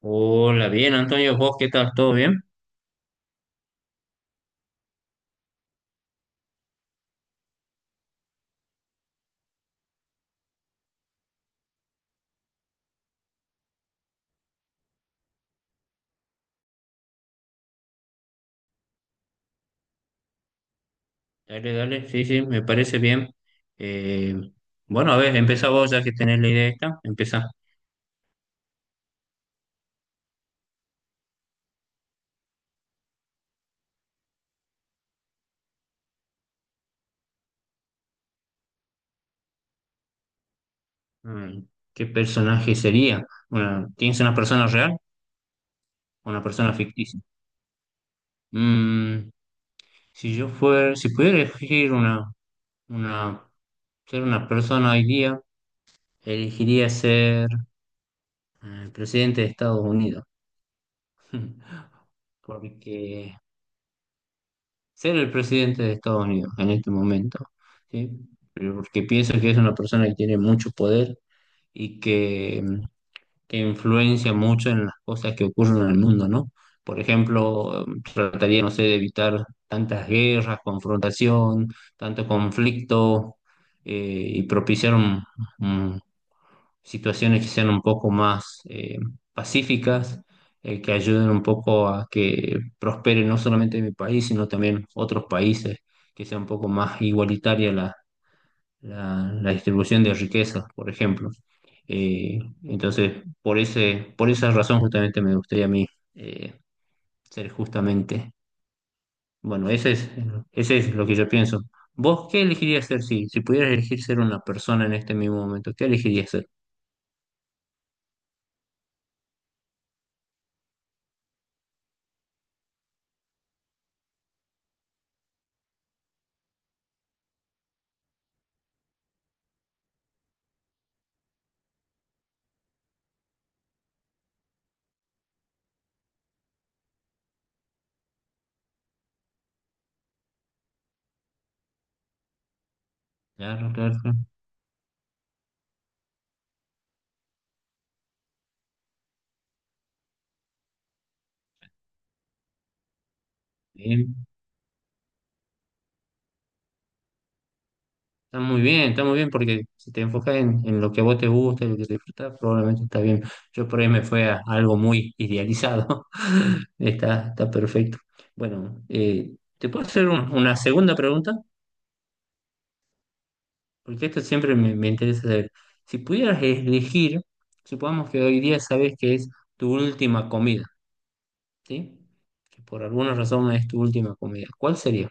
Hola, bien, Antonio, ¿vos qué tal? ¿Todo bien? Dale, dale, sí, sí, me parece bien. Eh, bueno, a ver, empezá vos ya que tenés la idea esta, empezá. Mm, ¿Qué personaje sería? Bueno, ¿tienes una persona real o una persona ficticia? Mm, si pudiera elegir una, ser una persona hoy día, elegiría ser presidente de Estados Unidos. Porque ser el presidente de Estados Unidos en este momento, ¿sí? Pero porque pienso que es una persona que tiene mucho poder y que influencia mucho en las cosas que ocurren en el mundo, ¿no? Por ejemplo, trataría, no sé, de evitar tantas guerras, confrontación, tanto conflicto, eh, y propiciar situaciones que sean un poco más pacíficas, que ayuden un poco a que prospere no solamente mi país, sino también otros países, que sea un poco más igualitaria la, la distribución de riquezas, por ejemplo. Eh, entonces, por esa razón justamente me gustaría a mí eh, ser bueno, ese es lo que yo pienso. ¿Vos qué elegirías ser si pudieras elegir ser una persona en este mismo momento? ¿Qué elegirías ser? Claro, claro, claro. Bien. Está muy bien, está muy bien porque si te enfocas en lo que a vos te gusta, en lo que te disfrutas, probablemente está bien. Yo por ahí me fue a algo muy idealizado. Está, está perfecto. Bueno, ¿te puedo hacer una segunda pregunta? Porque esto siempre me interesa saber. Si pudieras elegir, supongamos que hoy día sabes que es tu última comida, ¿sí? Que por alguna razón es tu última comida. ¿Cuál sería?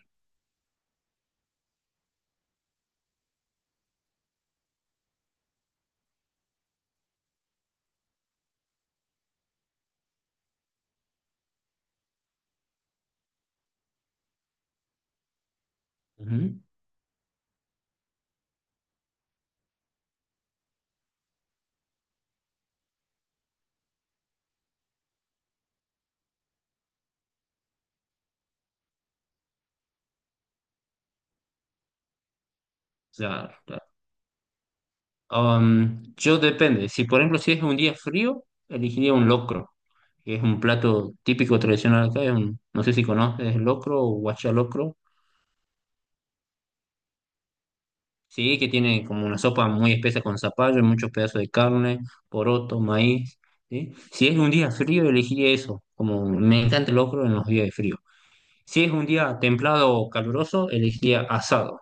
Ujú. Claro, claro. Yo depende. Si por ejemplo si es un día frío, elegiría un locro, que es un plato típico tradicional acá. No sé si conoces el locro o guachalocro. Sí, que tiene como una sopa muy espesa con zapallo, muchos pedazos de carne, poroto, maíz. ¿Sí? Si es un día frío, elegiría eso. Como me encanta el locro en los días de frío. Si es un día templado o caluroso, elegiría asado,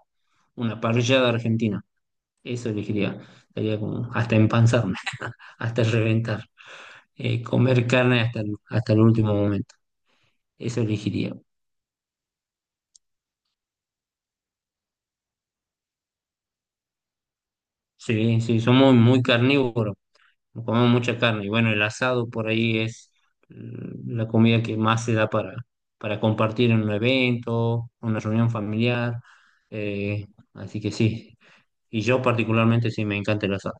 una parrillada argentina. Eso elegiría. Sería como hasta empanzarme, hasta reventar. Eh, comer carne hasta el último momento. Eso elegiría. Sí, sí, somos muy carnívoros, comemos mucha carne. Y bueno, el asado por ahí es la comida que más se da para compartir en un evento, una reunión familiar. eh, Así que sí. Y yo particularmente sí me encanta el asado.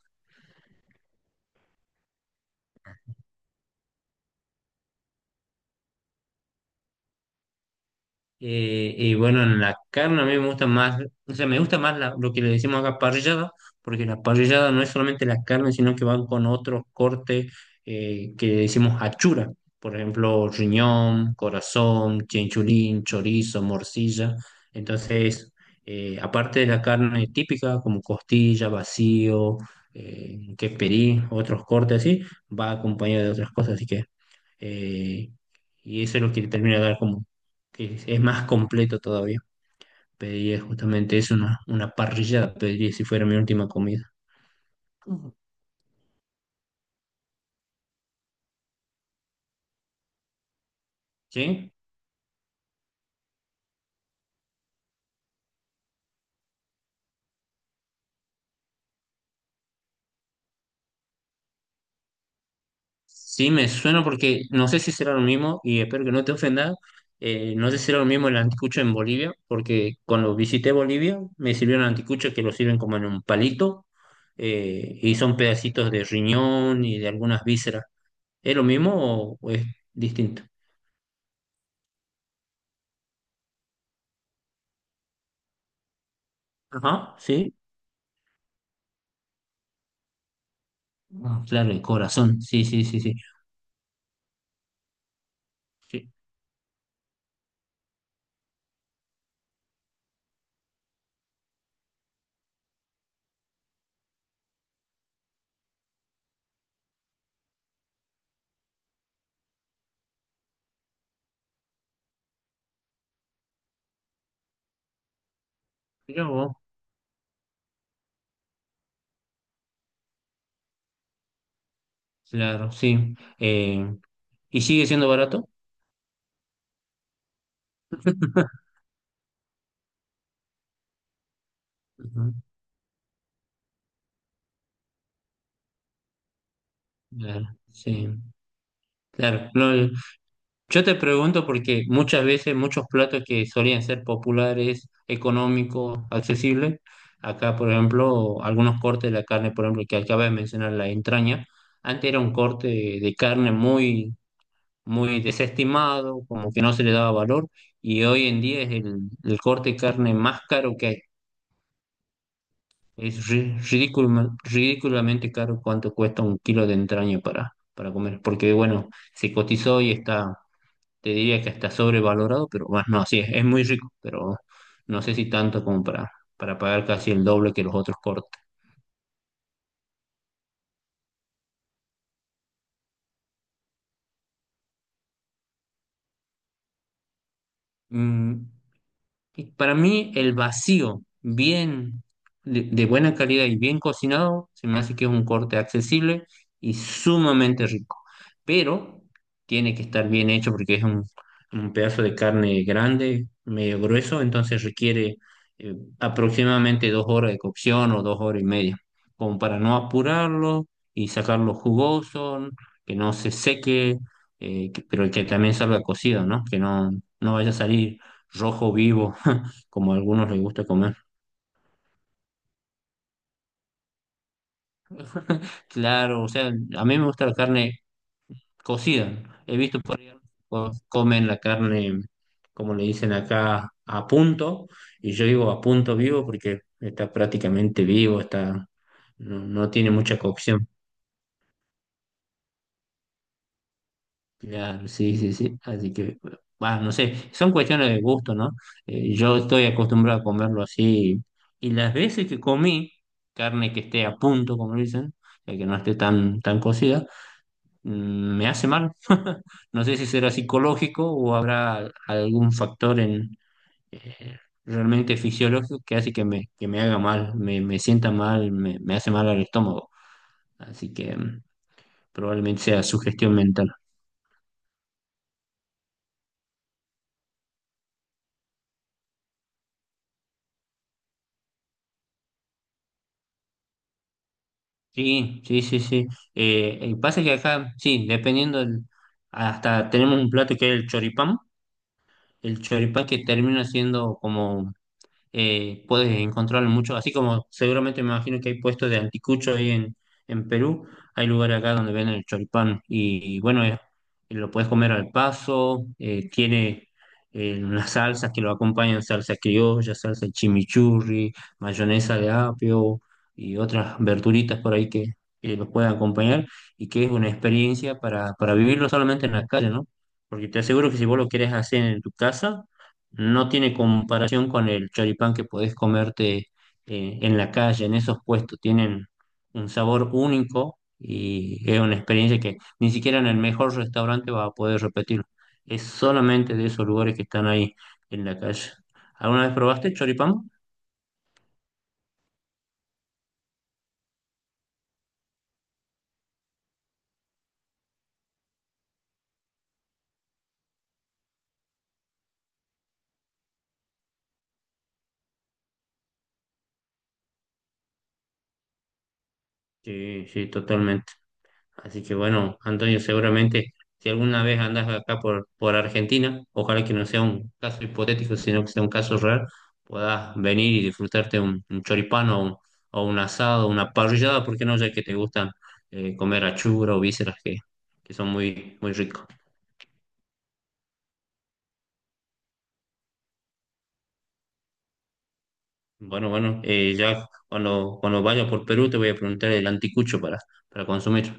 Y bueno, en la carne a mí me gusta más, o sea, me gusta más lo que le decimos acá parrillada, porque la parrillada no es solamente la carne, sino que van con otros cortes que le decimos achura, por ejemplo, riñón, corazón, chinchulín, chorizo, morcilla. Entonces, aparte de la carne típica, como costilla, vacío, quesperí, otros cortes así, va acompañado de otras cosas, así que eh, y eso es lo que le termina de dar como que es más completo todavía. Pediría justamente eso, una parrillada, pediría si fuera mi última comida. Ujú. ¿Sí? Sí, me suena porque no sé si será lo mismo y espero que no te ofenda. No sé si será lo mismo el anticucho en Bolivia, porque cuando visité Bolivia me sirvieron anticuchos que lo sirven como en un palito, y son pedacitos de riñón y de algunas vísceras. ¿Es lo mismo o es distinto? Ajá, sí. Ah, claro, el corazón, sí, sí, sí, sí. Sí, mirá vos, claro, sí. ¿Y sigue siendo barato? Ujú. Claro, sí, claro. No, yo te pregunto porque muchas veces muchos platos que solían ser populares, económicos, accesibles, acá, por ejemplo, algunos cortes de la carne, por ejemplo, que acabas de mencionar, la entraña, antes era un corte de carne muy, muy desestimado, como que no se le daba valor, y hoy en día es el corte de carne más caro que hay. Es ridículamente caro cuánto cuesta un kilo de entraña para comer, porque bueno, se cotizó y está, te diría que está sobrevalorado, pero bueno, no, sí, es muy rico, pero no sé si tanto como para pagar casi el doble que los otros cortes. Y para mí, el vacío, bien de buena calidad y bien cocinado, se me hace que es un corte accesible y sumamente rico. Pero tiene que estar bien hecho porque es un pedazo de carne grande, medio grueso, entonces requiere aproximadamente dos horas de cocción o dos horas y media, como para no apurarlo y sacarlo jugoso, que no se seque, pero que también salga cocido, ¿no? Que no, no vaya a salir rojo vivo como a algunos les gusta comer. Claro, o sea, a mí me gusta la carne cocida. He visto por ahí comen la carne, como le dicen acá, a punto, y yo digo a punto vivo porque está prácticamente vivo, está, no, no tiene mucha cocción. Claro, sí, sí, sí. Así que, bueno, no sé, son cuestiones de gusto, ¿no? Yo estoy acostumbrado a comerlo así, y las veces que comí carne que esté a punto, como dicen, o sea, que no esté tan, tan cocida, me hace mal. No sé si será psicológico o habrá algún factor eh, realmente fisiológico que hace que me haga mal, me sienta mal, me hace mal al estómago. Así que probablemente sea sugestión mental. Sí, sí, sí, sí. El pasa que acá, sí, dependiendo, hasta tenemos un plato que es el choripán que termina siendo como puedes encontrarlo mucho, así como seguramente me imagino que hay puestos de anticucho ahí en, Perú, hay lugares acá donde venden el choripán y, bueno, lo puedes comer al paso, tiene unas salsas que lo acompañan, salsa criolla, salsa chimichurri, mayonesa de apio y otras verduritas por ahí que los pueden acompañar y que es una experiencia para vivirlo solamente en la calle, ¿no? Porque te aseguro que si vos lo querés hacer en tu casa, no tiene comparación con el choripán que podés comerte en la calle, en esos puestos. Tienen un sabor único y es una experiencia que ni siquiera en el mejor restaurante vas a poder repetirlo. Es solamente de esos lugares que están ahí en la calle. ¿Alguna vez probaste choripán? Sí, sí, totalmente. Así que bueno, Antonio, seguramente si alguna vez andas acá por, Argentina, ojalá que no sea un caso hipotético, sino que sea un caso real, puedas venir y disfrutarte un, choripano o un asado, una parrillada, ¿porque no? Ya que te gustan comer achura o vísceras que son muy, muy ricos. Bueno, bueno, ya cuando, vaya por Perú te voy a preguntar el anticucho para consumir.